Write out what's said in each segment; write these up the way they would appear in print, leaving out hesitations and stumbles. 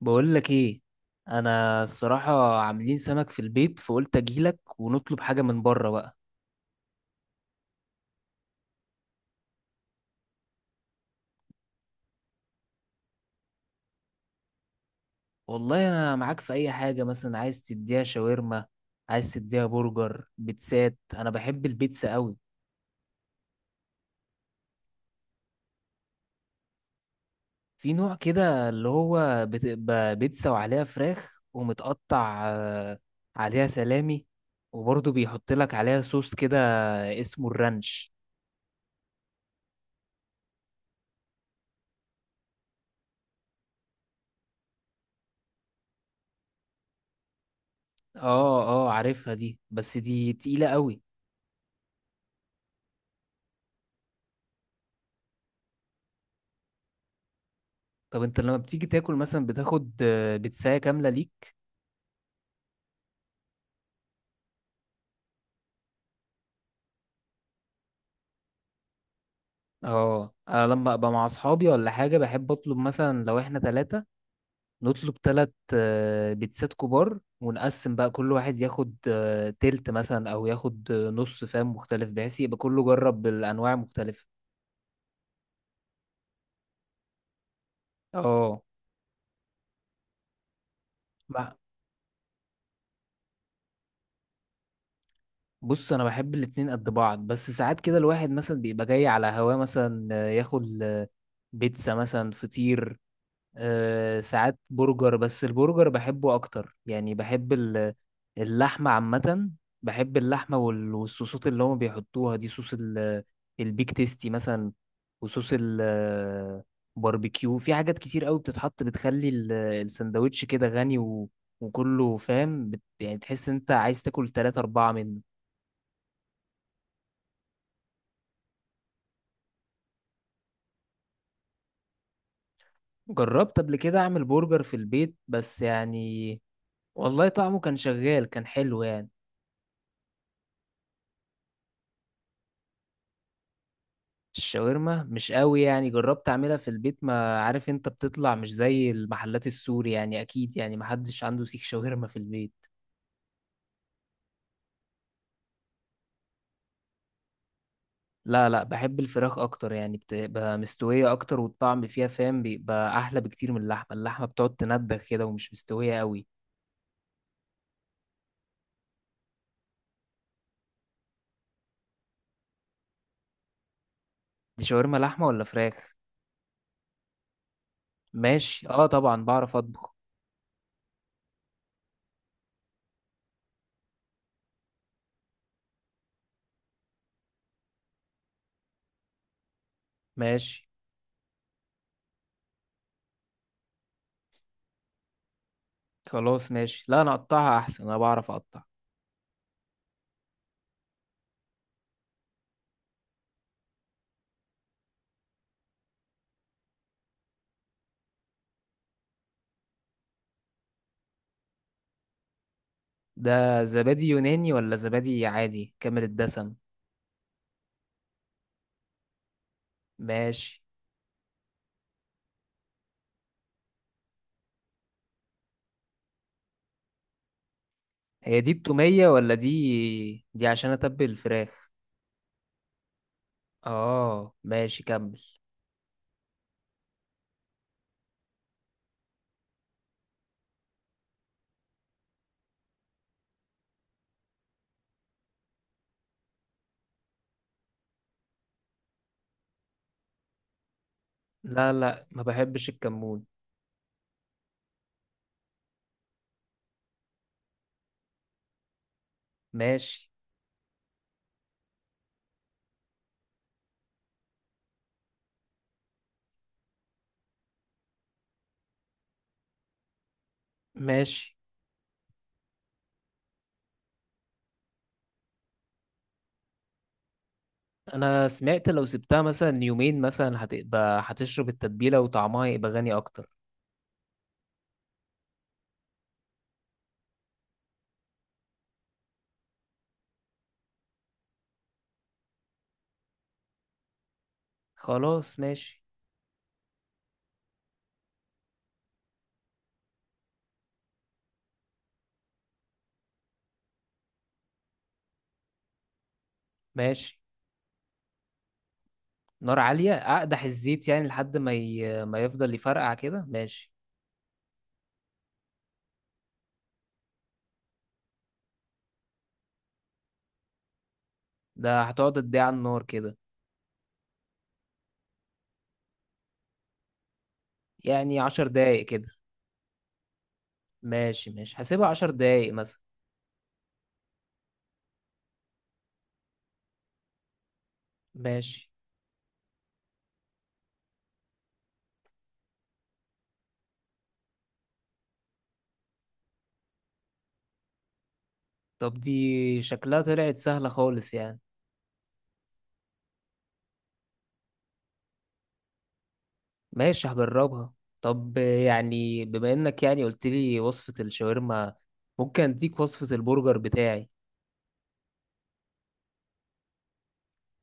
بقول لك ايه. انا الصراحه عاملين سمك في البيت، فقلت اجيلك ونطلب حاجه من بره بقى. والله انا معاك في اي حاجه، مثلا عايز تديها شاورما، عايز تديها برجر، بيتزات. انا بحب البيتزا قوي. في نوع كده اللي هو بتبقى بيتزا وعليها فراخ ومتقطع، عليها سلامي، وبرضه بيحط لك عليها صوص كده اسمه الرانش. اه، اه، عارفها دي، بس دي تقيله قوي. طب انت لما بتيجي تاكل مثلا بتاخد بتساية كاملة ليك؟ اه، انا لما ابقى مع اصحابي ولا حاجة بحب اطلب مثلا، لو احنا 3 نطلب 3 بيتزات كبار، ونقسم بقى، كل واحد ياخد تلت مثلا، او ياخد نص، فاهم، مختلف بحيث يبقى كله جرب بالانواع المختلفة. اه. مع- بص، انا بحب الاتنين قد بعض، بس ساعات كده الواحد مثلا بيبقى جاي على هواه، مثلا ياكل بيتزا مثلا، فطير. ساعات برجر، بس البرجر بحبه اكتر يعني. بحب اللحمه عامه. بحب اللحمه والصوصات اللي هم بيحطوها دي، صوص البيك تيستي مثلا، وصوص الباربيكيو، في حاجات كتير قوي بتتحط بتخلي السندوتش كده غني وكله، فاهم يعني تحس انت عايز تاكل تلاتة أربعة منه. جربت قبل كده أعمل برجر في البيت، بس يعني، والله طعمه كان شغال، كان حلو يعني. الشاورما مش قوي يعني، جربت اعملها في البيت، ما عارف، انت بتطلع مش زي المحلات السوري يعني، اكيد يعني محدش عنده سيخ شاورما في البيت. لا، لا، بحب الفراخ اكتر يعني، بتبقى مستوية اكتر، والطعم فيها، فاهم، بيبقى احلى بكتير من اللحمة. اللحمة بتقعد تندخ كده ومش مستوية قوي. دي شاورما لحمة ولا فراخ؟ ماشي. اه، طبعا بعرف اطبخ. ماشي، خلاص ماشي. لا، انا اقطعها احسن، انا بعرف اقطع. ده زبادي يوناني ولا زبادي عادي كامل الدسم؟ ماشي. هي دي التومية ولا دي عشان اتبل الفراخ؟ اه، ماشي، كمل. لا، لا، ما بحبش الكمون. ماشي، ماشي. انا سمعت لو سبتها مثلا يومين مثلا هتبقى هتشرب التتبيلة وطعمها يبقى غني اكتر. خلاص ماشي، ماشي. نار عالية، اقدح الزيت يعني لحد ما يفضل يفرقع كده، ماشي. ده هتقعد قد ايه على النار كده؟ يعني 10 دقايق كده؟ ماشي، ماشي، هسيبها 10 دقايق مثلا. ماشي. طب دي شكلها طلعت سهلة خالص يعني. ماشي، هجربها. طب، يعني بما انك يعني قلت لي وصفة الشاورما، ممكن اديك وصفة البرجر بتاعي.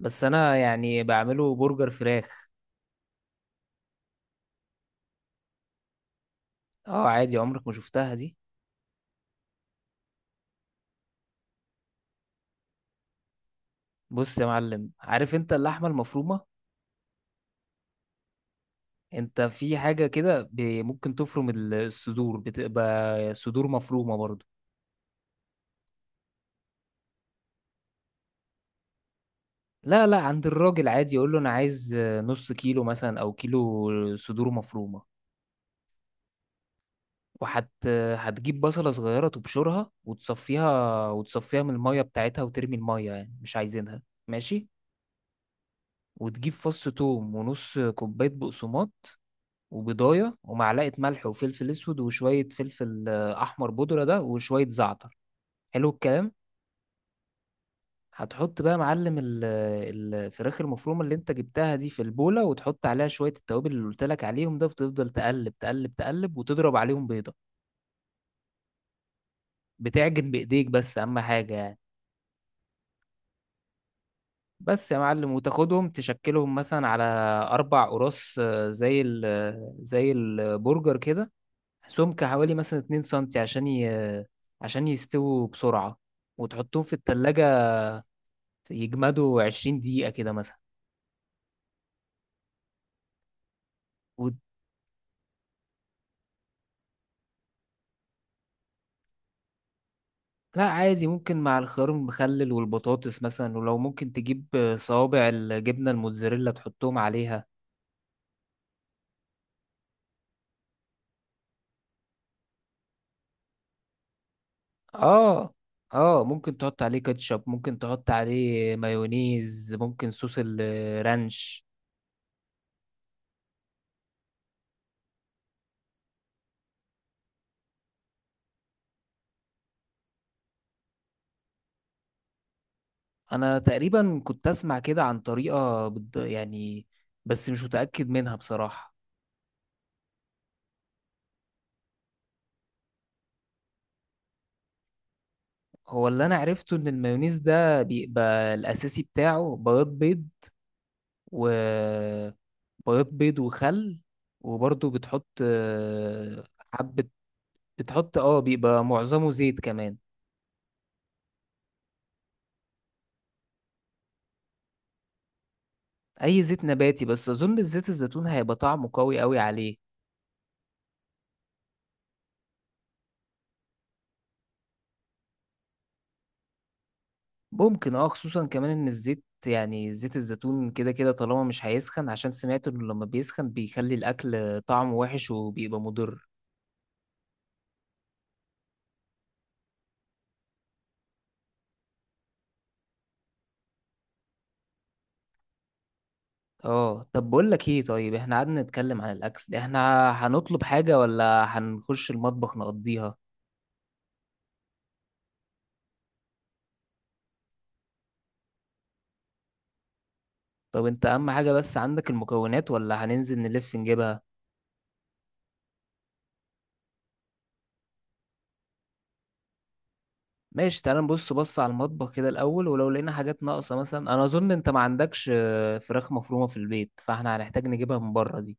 بس انا يعني بعمله برجر فراخ. اه، عادي، عمرك ما شفتها دي؟ بص يا معلم، عارف انت اللحمة المفرومة؟ انت في حاجة كده، ممكن تفرم الصدور، بتبقى صدور مفرومة برضو. لا، لا، عند الراجل عادي، يقول له انا عايز نص كيلو مثلا او كيلو صدور مفرومة. وهت هتجيب بصلة صغيرة تبشرها وتصفيها وتصفيها من المية بتاعتها، وترمي المية، يعني مش عايزينها. ماشي. وتجيب فص توم ونص كوباية بقسماط وبيضاية ومعلقة ملح وفلفل أسود وشوية فلفل أحمر بودرة ده، وشوية زعتر. حلو الكلام. هتحط بقى يا معلم الفراخ المفرومة اللي انت جبتها دي في البولة، وتحط عليها شوية التوابل اللي قلت لك عليهم ده، وتفضل تقلب تقلب تقلب، وتضرب عليهم بيضة. بتعجن بإيديك بس، أهم حاجة يعني. بس يا معلم، وتاخدهم تشكلهم مثلا على 4 قراص، زي ال آه، زي البرجر كده. سمك حوالي مثلا 2 سنتي، عشان ي... آه، عشان يستووا بسرعة، وتحطهم في التلاجة يجمدوا 20 دقيقة كده مثلا. و... لا، عادي، ممكن مع الخيار المخلل والبطاطس مثلا، ولو ممكن تجيب صوابع الجبنة الموتزاريلا تحطهم عليها. اه، اه، ممكن تحط عليه كاتشب، ممكن تحط عليه مايونيز، ممكن صوص الرانش. انا تقريبا كنت اسمع كده عن طريقة يعني، بس مش متأكد منها بصراحة. هو اللي انا عرفته ان المايونيز ده بيبقى الاساسي بتاعه بياض بيض وبياض بيض وخل، وبرضه بتحط حبة. بتحط، بيبقى معظمه زيت كمان. اي زيت نباتي، بس اظن الزيت الزيتون هيبقى طعمه قوي قوي عليه. ممكن، خصوصا كمان ان الزيت، يعني زيت الزيتون، كده كده، طالما مش هيسخن، عشان سمعت انه لما بيسخن بيخلي الاكل طعمه وحش وبيبقى مضر. اه، طب بقول لك ايه، طيب احنا قعدنا نتكلم عن الاكل، احنا هنطلب حاجة ولا هنخش المطبخ نقضيها؟ طب انت اهم حاجة، بس عندك المكونات ولا هننزل نلف نجيبها؟ ماشي، تعال نبص بص على المطبخ كده الاول، ولو لقينا حاجات ناقصة، مثلا انا اظن انت ما عندكش فراخ مفرومة في البيت، فاحنا هنحتاج نجيبها من بره دي.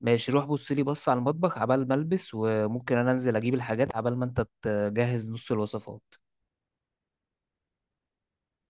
ماشي، روح بص لي بص على المطبخ عبال ما البس، وممكن انا انزل اجيب الحاجات عبال ما انت تجهز نص الوصفات.